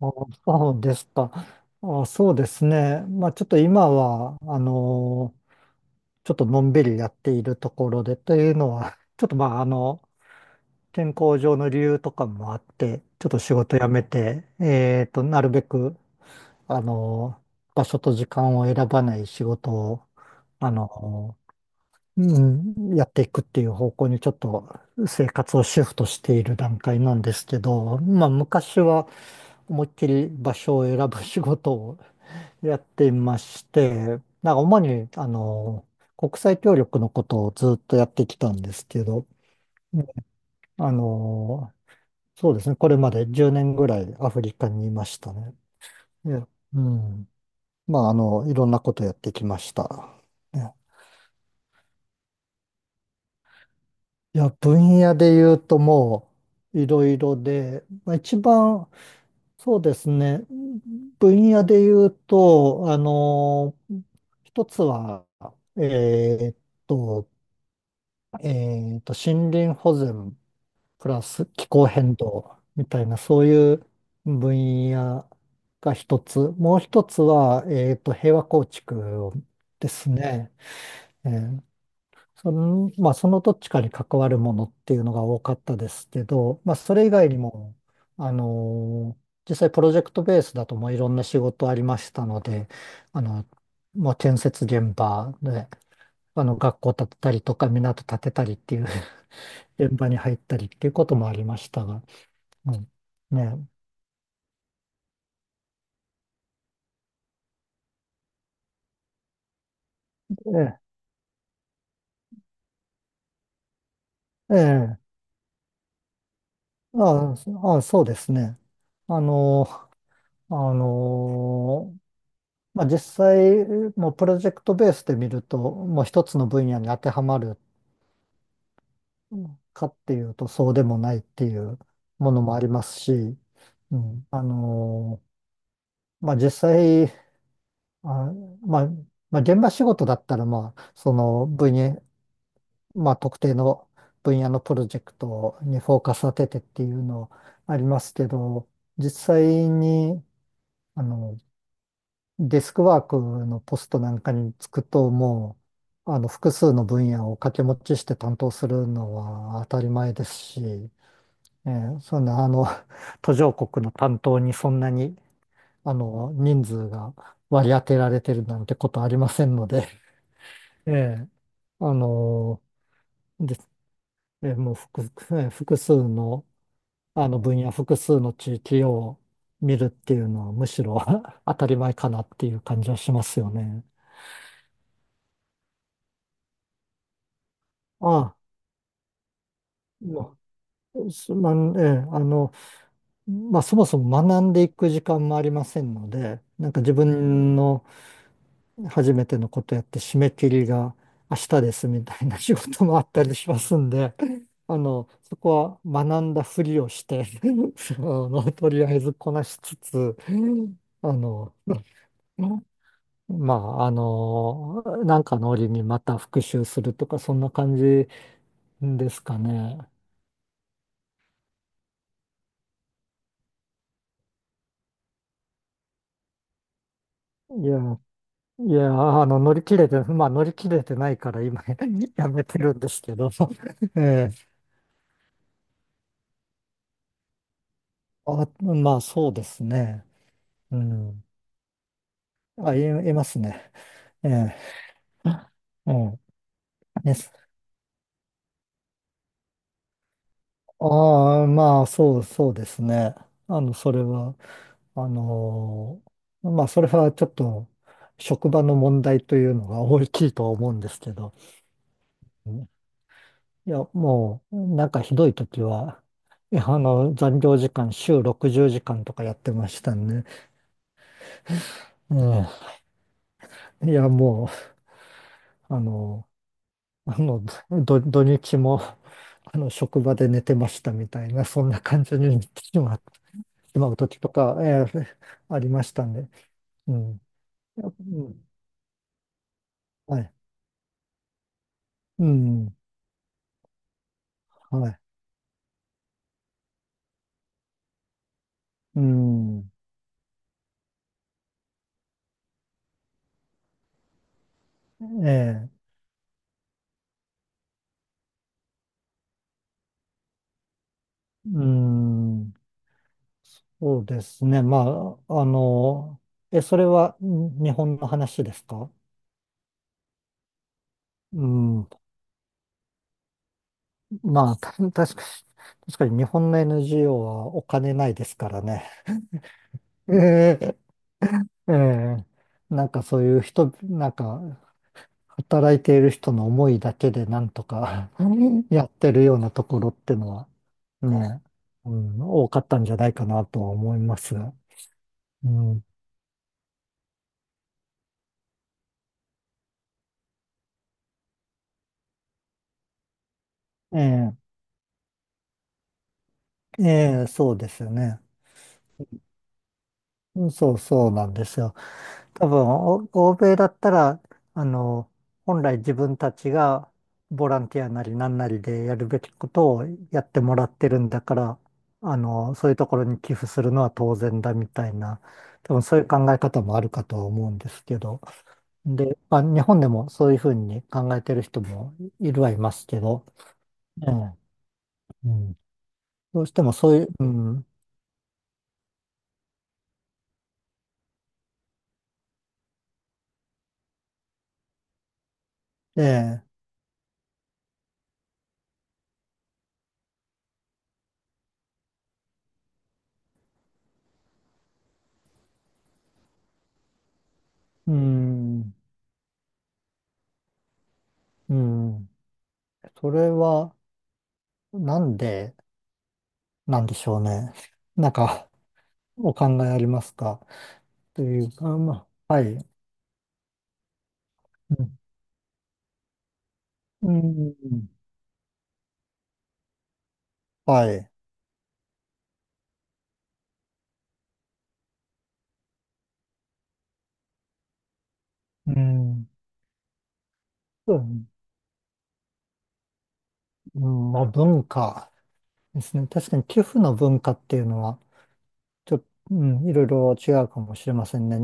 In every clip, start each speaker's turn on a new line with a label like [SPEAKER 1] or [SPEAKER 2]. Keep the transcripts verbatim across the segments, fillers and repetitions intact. [SPEAKER 1] あそうですか。あ、そうですね。まあちょっと今は、あのちょっとのんびりやっているところでというのは、ちょっとまああの、健康上の理由とかもあって、ちょっと仕事辞めて、えっと、なるべく、あの場所と時間を選ばない仕事を、あのうん、やっていくっていう方向にちょっと生活をシフトしている段階なんですけど、まあ昔は思いっきり場所を選ぶ仕事をやっていまして、なんか主に、あの、国際協力のことをずっとやってきたんですけど、うんあの、そうですね、これまでじゅうねんぐらいアフリカにいましたね。いや、うん。まあ、あの、いろんなことやってきました。ね。いや、分野で言うともう、いろいろで、まあ、一番、そうですね、分野で言うと、あの、一つは、えーっと、えっと、森林保全プラス気候変動みたいな、そういう分野が一つ。もう一つは、えっと、平和構築をですね。えーその、まあ、そのどっちかに関わるものっていうのが多かったですけど、まあ、それ以外にも、あのー実際プロジェクトベースだともういろんな仕事ありましたので、あの、もう建設現場で、あの、学校建てたりとか、港建てたりっていう現場に入ったりっていうこともありましたが、うん、ねえ、ええ、ええ、ああ、そああ、そうですね。あの、あの、まあ、実際、もうプロジェクトベースで見ると、もう一つの分野に当てはまるかっていうと、そうでもないっていうものもありますし、うん、あの、まあ、実際、あ、まあ、まあ、現場仕事だったら、まあ、その分野、まあ、特定の分野のプロジェクトにフォーカス当ててっていうのありますけど、実際に、あの、デスクワークのポストなんかにつくと、もう、あの、複数の分野を掛け持ちして担当するのは当たり前ですし、えーそんな、あの、途上国の担当にそんなに、あの、人数が割り当てられてるなんてことありませんので、ええ。あの、で、えーもう複、えー複数のあの分野、複数の地域を見るっていうのはむしろ 当たり前かなっていう感じはしますよね。ああ、まあすまん、ええ、あの、まあそもそも学んでいく時間もありませんので、なんか自分の初めてのことやって締め切りが明日ですみたいな仕事もあったりしますんで、あの、そこは学んだふりをして あの、とりあえずこなしつつ、あの、まあ、あの、なんかの折にまた復習するとか、そんな感じですかね。いや、いや、あの、乗り切れて、まあ、乗り切れてないから今 やめてるんですけど。ええ。あ、まあ、そうですね。うん。あ、い、いますね。ええ。うん。です。ああ、まあ、そう、そうですね。あの、それは、あのーまあ、それはちょっと、職場の問題というのが大きいとは思うんですけど、うんいや、もう、なんかひどい時は、いや、あの、残業時間、週ろくじゅうじかんとかやってましたね。うんいや、もう、あの、あの、ど、土日も、あの、職場で寝てましたみたいな、そんな感じになってしまう、しまう時とか、えーありましたんで、うん。いやっ。うん。はい。うん。はい。うん。ええ。うん。そうですね。まあ、あの、え、それはん日本の話ですか？うん。まあ、た確かに、確かに日本の エヌジーオー はお金ないですからね。ええ、ええ。なんかそういう人、なんか、働いている人の思いだけでなんとか やってるようなところってのは、ね、うん、多かったんじゃないかなとは思いますが。うん。ええ、ええ、そうですよね。うん、そうそうなんですよ。多分、お欧米だったら、あの、本来自分たちがボランティアなりなんなりでやるべきことをやってもらってるんだから、あの、そういうところに寄付するのは当然だみたいな、多分そういう考え方もあるかとは思うんですけど。で、まあ、日本でもそういうふうに考えてる人もいるはいますけど、ええ。うん。どうしてもそういう、うん、ええ、うん、うん、それはなんで、なんでしょうね。なんか、お考えありますか？というか、まあ、はい。うん。うん、はい。うん。うん、うん、まあ、文化ですね。確かに寄付の文化っていうのは、ちょっと、うん、いろいろ違うかもしれませんね。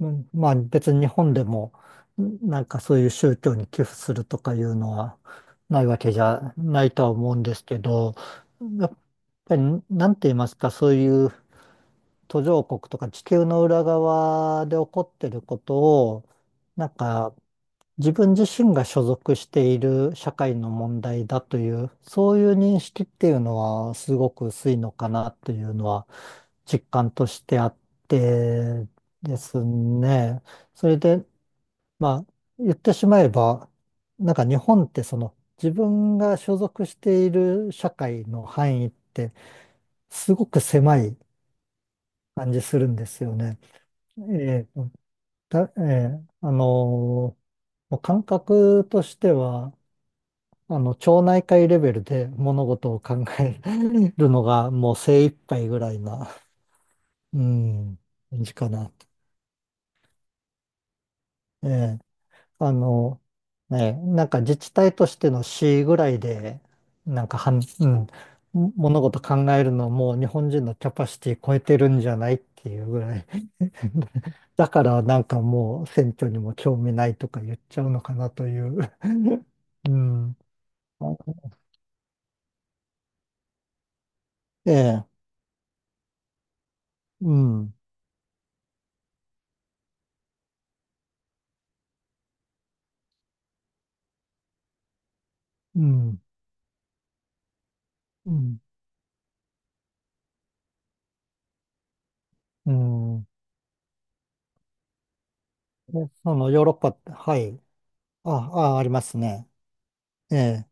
[SPEAKER 1] うんまあ、別に日本でも、うんなんかそういう宗教に寄付するとかいうのはないわけじゃないとは思うんですけど、やっぱり、なんて言いますか、そういう途上国とか地球の裏側で起こってることを、なんか自分自身が所属している社会の問題だという、そういう認識っていうのはすごく薄いのかなというのは実感としてあってですね。それで、まあ、言ってしまえば、なんか日本ってその自分が所属している社会の範囲ってすごく狭い感じするんですよね。ええ。た、えーあのーもう感覚としては、あの、町内会レベルで物事を考えるのがもう精一杯ぐらいな、うん、感じかな。ええ。あの、ね、なんか自治体としての市ぐらいで、なんかはん、うん、物事考えるのもう日本人のキャパシティ超えてるんじゃないっていうぐらい。だからなんかもう選挙にも興味ないとか言っちゃうのかなという。うん。ええ、うん、うん、うん、うん。でそのヨーロッパって、はい。あ、あ、ありますね。ええ、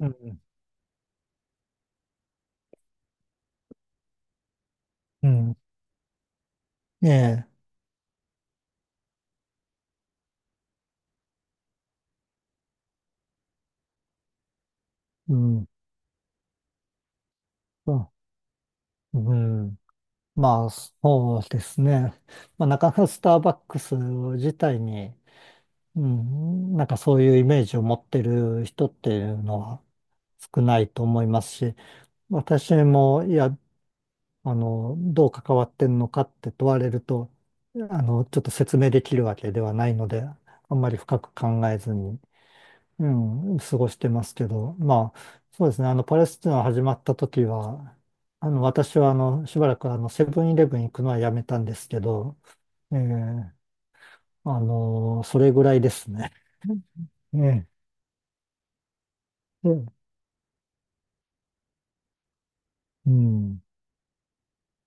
[SPEAKER 1] うん、うん、ええ、うん、あ、うん。まあ、そうですね。まあ、なかなかスターバックス自体に、うん、なんかそういうイメージを持ってる人っていうのは少ないと思いますし、私も、いや、あの、どう関わってんのかって問われると、あの、ちょっと説明できるわけではないので、あんまり深く考えずに、うん、過ごしてますけど、まあ、そうですね、あの、パレスチナ始まった時は、あの、私は、あの、しばらく、あの、セブンイレブン行くのはやめたんですけど、えーあの、それぐらいですね。ええ。うん。